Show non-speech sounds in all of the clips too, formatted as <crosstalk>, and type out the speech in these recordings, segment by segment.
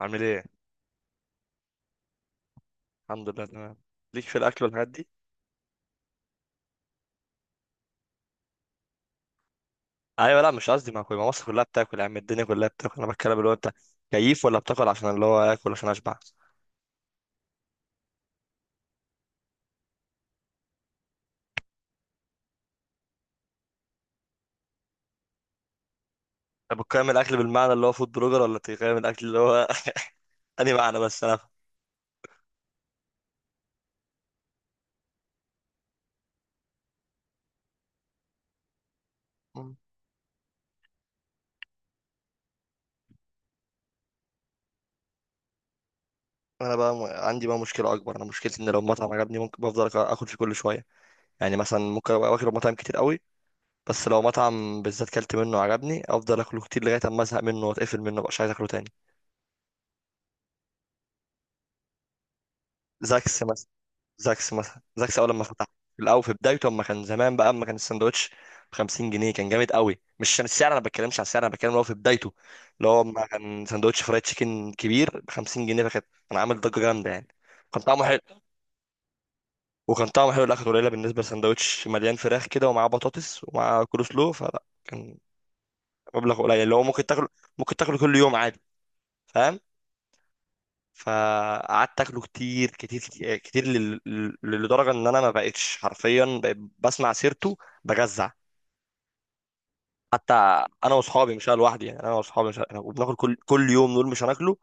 عامل ايه؟ الحمد لله تمام. ليك في الاكل والحاجات دي؟ ايوه، لا مش قصدي، ما كل، ما مصر كلها بتاكل يا عم، الدنيا كلها بتاكل، انا بتكلم اللي هو انت كيف، ولا بتاكل عشان اللي هو اكل عشان اشبع؟ انت بتقيم الاكل بالمعنى اللي هو فود بلوجر، ولا بتقيم الاكل اللي هو <laughs> انهي معنى؟ بس انا مم. انا بقى عندي بقى مشكله اكبر، انا مشكلتي ان لو مطعم عجبني ممكن بفضل اكل فيه كل شويه. يعني مثلا ممكن ابقى واكل مطاعم كتير قوي، بس لو مطعم بالذات كلت منه عجبني افضل اكله كتير لغايه اما ازهق منه واتقفل منه مبقاش عايز اكله تاني. زاكس مثلا. زاكس مثلا، زاكس اول لما فتح، في الاول في بدايته، اما كان زمان بقى، اما كان الساندوتش ب 50 جنيه، كان جامد قوي. مش عشان السعر، انا ما بتكلمش على السعر، انا بتكلم اللي هو في بدايته، اللي هو اما كان ساندوتش فرايد تشيكن كبير ب 50 جنيه، فكان كان عامل ضجه جامده يعني. كان طعمه حلو، وكان طعمه حلو الاخر. قليله بالنسبه لساندوتش مليان فراخ كده ومعاه بطاطس ومعاه كول سلو، فلا كان مبلغ قليل اللي هو ممكن تاكله، ممكن تاكله كل يوم عادي. فاهم؟ فقعدت اكله كتير كتير كتير لدرجه ان انا ما بقتش حرفيا، بقيت بسمع سيرته بجزع حتى. انا واصحابي، مش انا لوحدي يعني، انا واصحابي، مش أنا، وبناكل كل يوم، نقول مش هناكله،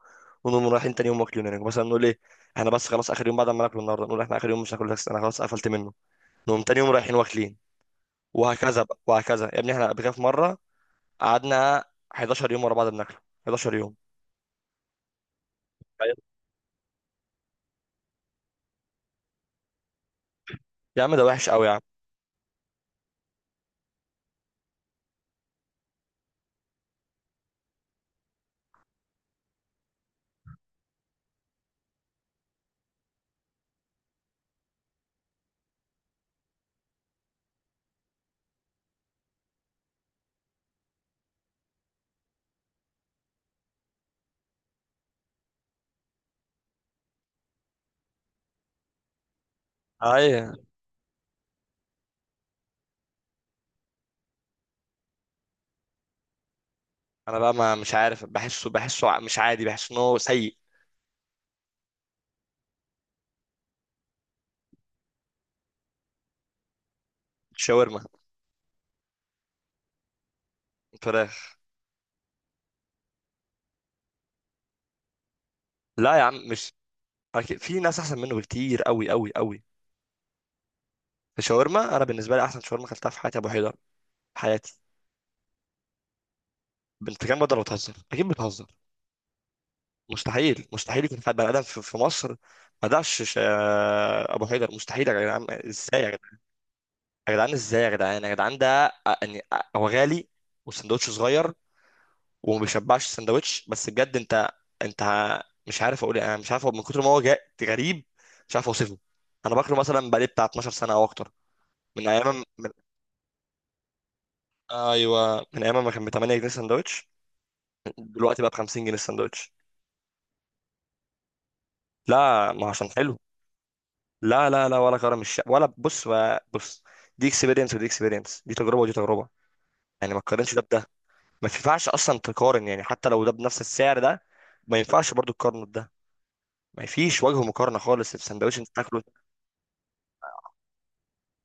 ونقوم رايحين تاني يوم واكلين. يعني مثلا نقول ايه، احنا بس خلاص اخر يوم، بعد ما ناكله النهارده نقول احنا اخر يوم مش هناكله، بس انا خلاص قفلت منه، نقوم تاني يوم رايحين واكلين، وهكذا بقى وهكذا. يا ابني احنا قبل كده في مره قعدنا 11 يوم ورا بعض بناكله، 11 يوم. يا عم ده وحش قوي يا عم. اي، انا بقى ما مش عارف، بحسه بحسه مش عادي، بحس ان هو سيء. شاورما فراخ. لا يا عم مش، أكيد في ناس احسن منه بكتير قوي قوي قوي. الشاورما انا بالنسبه لي احسن شاورما اكلتها في حياتي ابو حيدر، في حياتي. بنت كام بدل بتهزر، اكيد بتهزر. مستحيل، مستحيل يكون حد بني ادم في مصر ما دعش. ابو حيدر مستحيل يا جدعان، ازاي يا جدعان؟ يا جدعان ازاي يا جدعان؟ يا جدعان ده يعني هو غالي والسندوتش صغير وما بيشبعش السندوتش، بس بجد انت، انت مش عارف اقول ايه، انا مش عارف، هو من كتر ما هو غريب، مش عارف اوصفه. انا باكله مثلا بقالي بتاع 12 سنه او اكتر، من ايام آه، ايوه من ايام ما كان ب 8 جنيه سندوتش، دلوقتي بقى ب 50 جنيه السندوتش. لا ما هو عشان حلو. لا لا لا، ولا كرم الشام ولا بص، دي اكسبيرينس، ودي اكسبيرينس، دي تجربه ودي تجربه، يعني ما تقارنش ده بده، ما ينفعش اصلا تقارن، يعني حتى لو ده بنفس السعر ده ما ينفعش برضو تقارنه بده. ما فيش وجه مقارنه خالص، السندوتش انت تاكله.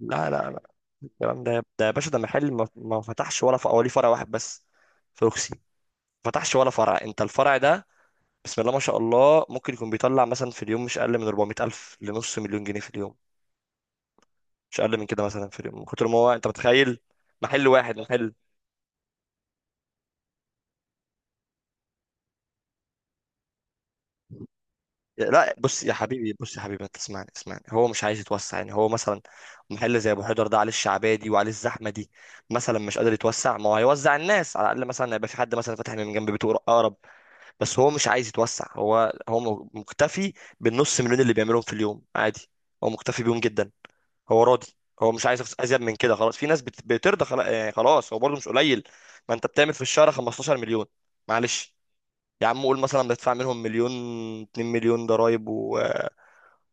لا لا لا، الكلام ده، ده يا باشا ده محل ما فتحش ولا فرع، وليه فرع واحد بس في روكسي، ما فتحش ولا فرع. انت الفرع ده، بسم الله ما شاء الله، ممكن يكون بيطلع مثلا في اليوم مش اقل من 400 الف لنص مليون جنيه في اليوم، مش اقل من كده مثلا في اليوم، من كتر ما هو، انت متخيل محل واحد؟ محل. لا بص يا حبيبي، بص يا حبيبي انت اسمعني، اسمعني، هو مش عايز يتوسع، يعني هو مثلا محل زي ابو حيدر ده عليه الشعبيه دي وعليه الزحمه دي مثلا مش قادر يتوسع. ما هو هيوزع الناس على الاقل، مثلا هيبقى في حد مثلا فاتح من جنب بيته اقرب، بس هو مش عايز يتوسع. هو مكتفي بالنص مليون اللي بيعملهم في اليوم عادي، هو مكتفي بيهم جدا، هو راضي، هو مش عايز ازيد من كده. خلاص في ناس بترضى يعني خلاص، هو برضه مش قليل. ما انت بتعمل في الشهر 15 مليون، معلش، يا عم قول مثلا بدفع منهم مليون، 2 مليون ضرايب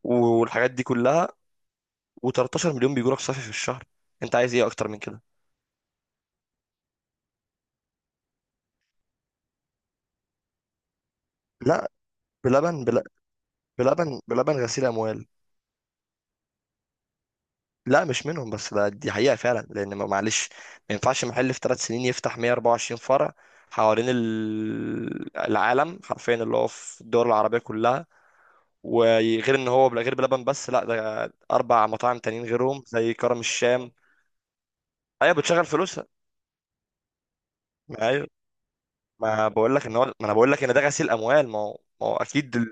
والحاجات دي كلها، و13 مليون بيجوا لك صافي في الشهر، انت عايز ايه اكتر من كده؟ لا بلبن بلبن، بلبن غسيل اموال. لا مش منهم، بس ده دي حقيقة فعلا، لأن معلش، ما ينفعش محل في ثلاث سنين يفتح 124 فرع حوالين العالم حرفيا، اللي هو في الدول العربية كلها، وغير ان هو غير بلبن بس، لا ده اربع مطاعم تانيين غيرهم زي كرم الشام. ايوه بتشغل فلوسها، ما ايوه، ما بقول لك ان هو، ما انا بقول لك ان ده غسيل اموال، ما هو، ما هو اكيد.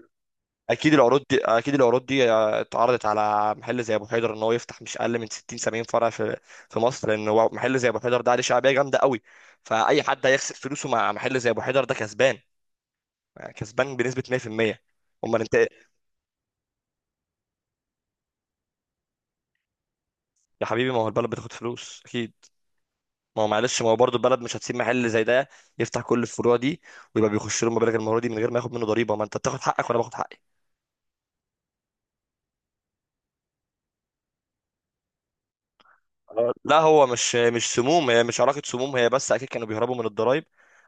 اكيد العروض دي، اكيد العروض دي اتعرضت على محل زي ابو حيدر ان هو يفتح مش اقل من 60 70 فرع في مصر، لان هو محل زي ابو حيدر ده عليه شعبيه جامده قوي، فاي حد هيخسر فلوسه مع محل زي ابو حيدر ده كسبان، يعني كسبان بنسبه 100%. امال انت إيه؟ يا حبيبي ما هو البلد بتاخد فلوس اكيد، ما هو معلش، ما هو برضه البلد مش هتسيب محل زي ده يفتح كل الفروع دي ويبقى بيخش له مبالغ المره دي من غير ما ياخد منه ضريبه. ما انت بتاخد حقك وانا باخد حقي. آه، لا هو مش سموم، هي مش علاقة سموم هي، بس أكيد كانوا بيهربوا من الضرايب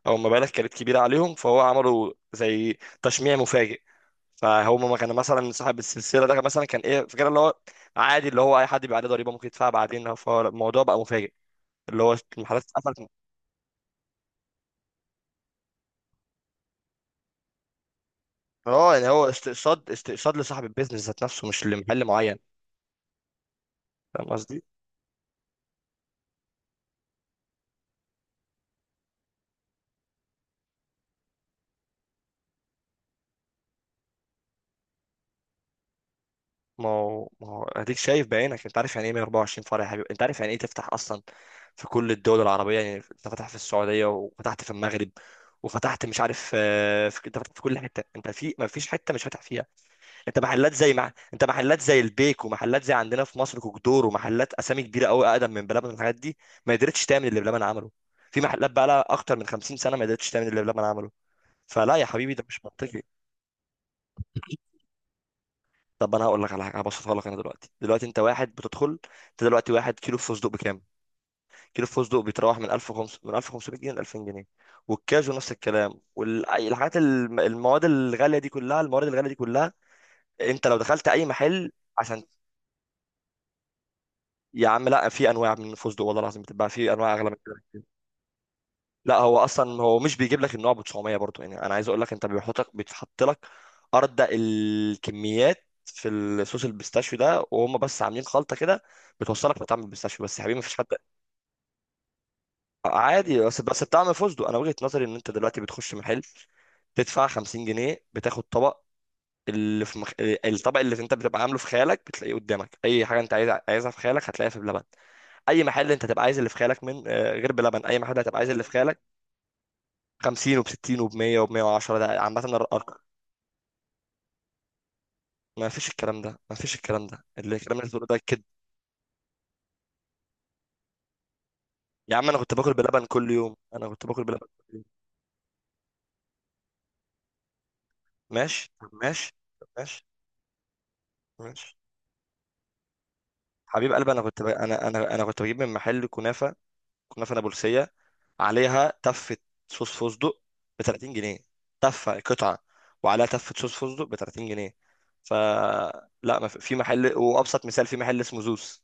أو المبالغ كانت كبيرة عليهم، فهو عملوا زي تشميع مفاجئ. فهم ما كان مثلا صاحب السلسلة ده مثلا كان إيه فكرة اللي هو عادي، اللي هو أي حد بيبقى عليه ضريبة ممكن يدفعها بعدين، فالموضوع بقى مفاجئ اللي هو المحلات اتقفلت. اه يعني هو استقصاد، استقصاد لصاحب البيزنس ذات نفسه مش لمحل معين. فاهم قصدي؟ ما هو، ما هو اديك شايف بعينك، انت عارف يعني ايه 124 فرع يا حبيبي؟ انت عارف يعني ايه تفتح اصلا في كل الدول العربية؟ يعني انت فتح في السعودية، وفتحت في المغرب، وفتحت مش عارف آه، في، انت فتحت في كل حتة، انت في ما فيش حتة مش فاتح فيها. انت محلات زي انت محلات زي البيك، ومحلات زي عندنا في مصر كوكدور، ومحلات اسامي كبيرة قوي اقدم من بلبن والحاجات دي ما قدرتش تعمل اللي بلبن عمله، في محلات بقى لها اكتر من 50 سنة ما قدرتش تعمل اللي بلبن عمله، فلا يا حبيبي ده مش منطقي. طب انا هقول لك على حاجة هبسطها لك. انا دلوقتي، دلوقتي انت واحد بتدخل، انت دلوقتي واحد كيلو فستق بكام؟ كيلو فستق بيتراوح من 1500، من 1500 جنيه ل 2000 جنيه، والكاجو نفس الكلام، والحاجات المواد الغاليه دي كلها، الموارد الغاليه دي كلها، انت لو دخلت اي محل عشان، يا عم لا، في انواع من الفستق والله العظيم بتتباع، في انواع اغلى من كده بكتير. لا هو اصلا هو مش بيجيب لك النوع ب 900 برضه، يعني انا عايز اقول لك انت بيحطك، بيتحط لك ارض الكميات في الصوص البيستاشيو ده، وهم بس عاملين خلطه كده بتوصلك لطعم البيستاشيو بس، يا حبيبي مفيش حد عادي بس، بس بتعمل فستق. انا وجهة نظري ان انت دلوقتي بتخش محل تدفع 50 جنيه بتاخد طبق اللي في الطبق اللي انت بتبقى عامله في خيالك بتلاقيه قدامك، اي حاجه انت عايز عايزها في خيالك هتلاقيها في بلبن، اي محل انت تبقى عايز اللي في خيالك من آه، غير بلبن اي محل هتبقى عايز اللي في خيالك 50 وب 60 وب 100 وب 110، ده عامه الارقام. ما فيش الكلام ده، ما فيش الكلام ده اللي، الكلام اللي بتقوله ده كده. يا عم انا كنت باكل بلبن كل يوم، انا كنت باكل بلبن كل يوم. ماشي طب ماشي، طب ماشي ماشي. حبيب قلبي انا انا كنت بجيب من محل كنافه، كنافه نابلسيه عليها تفه صوص فستق ب 30 جنيه، تفه قطعه وعليها تفه صوص فستق ب 30 جنيه، ف لا، ما في في محل، وابسط مثال في محل اسمه زوس،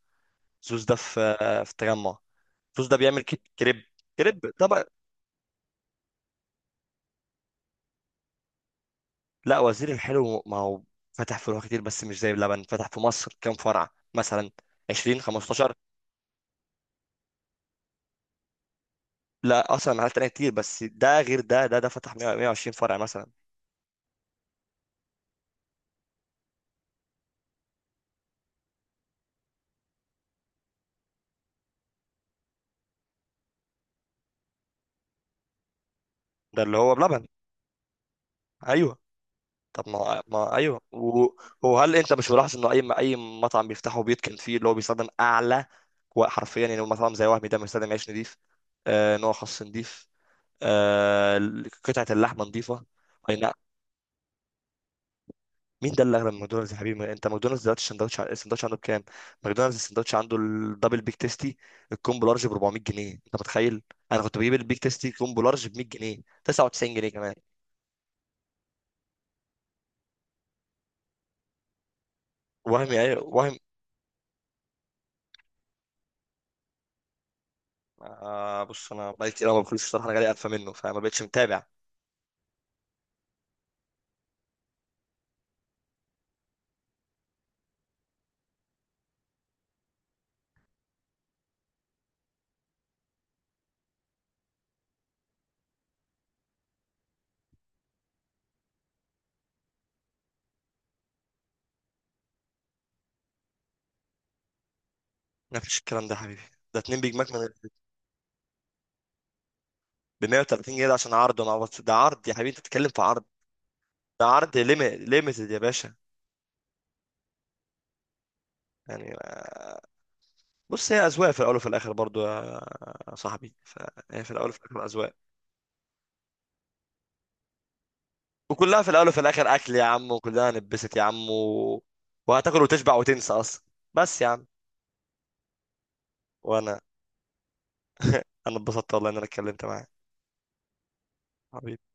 زوس ده في في التجمع، زوس ده بيعمل كريب، كريب طبعا. لا وزير الحلو، ما هو فتح فروع كتير بس مش زي بلبن، فتح في مصر كام فرع مثلا؟ 20 15. لا اصلا محلات تانية كتير، بس ده غير، ده ده ده فتح 100 120 فرع مثلا، ده اللي هو بلبن. ايوه طب ما ما ايوه و- وهل انت مش ملاحظ انه اي اي مطعم بيفتحه بيتكن فيه اللي هو بيستخدم اعلى و- حرفيا يعني مطعم زي وهمي ده بيستخدم عيش نضيف، آه نوع خس نضيف، آه قطعه اللحمه نضيفه. اي نعم. مين ده اللي اغلى من ماكدونالدز يا حبيبي؟ ما انت ماكدونالدز دلوقتي السندوتش، السندوتش عنده بكام؟ ماكدونالدز السندوتش عنده الدبل بيك تيستي الكومبو لارج ب 400 جنيه، انت متخيل؟ انا كنت بجيب البيك تيستي كومبو لارج ب 100 جنيه 99 جنيه كمان. وهمي ايوه وهمي، آه بص انا بقالي كتير أوي ما باكلش الصراحه، انا جالي قرفه منه فما بقتش متابع. ما فيش الكلام ده يا حبيبي، ده اتنين بيج ماك من ب 130 جنيه، ده عشان عرض، انا ده عرض يا حبيبي، انت بتتكلم في عرض، ده عرض ليميتد يا باشا. يعني بص، هي اذواق في الاول وفي الاخر برضو يا صاحبي، فهي في الاول وفي الاخر اذواق، وكلها في الاول وفي الاخر اكل يا عم، وكلها نبست يا عم وهتاكل وتشبع وتنسى اصلا. بس يا عم، وانا انا اتبسطت والله ان انا اتكلمت معاك حبيبي.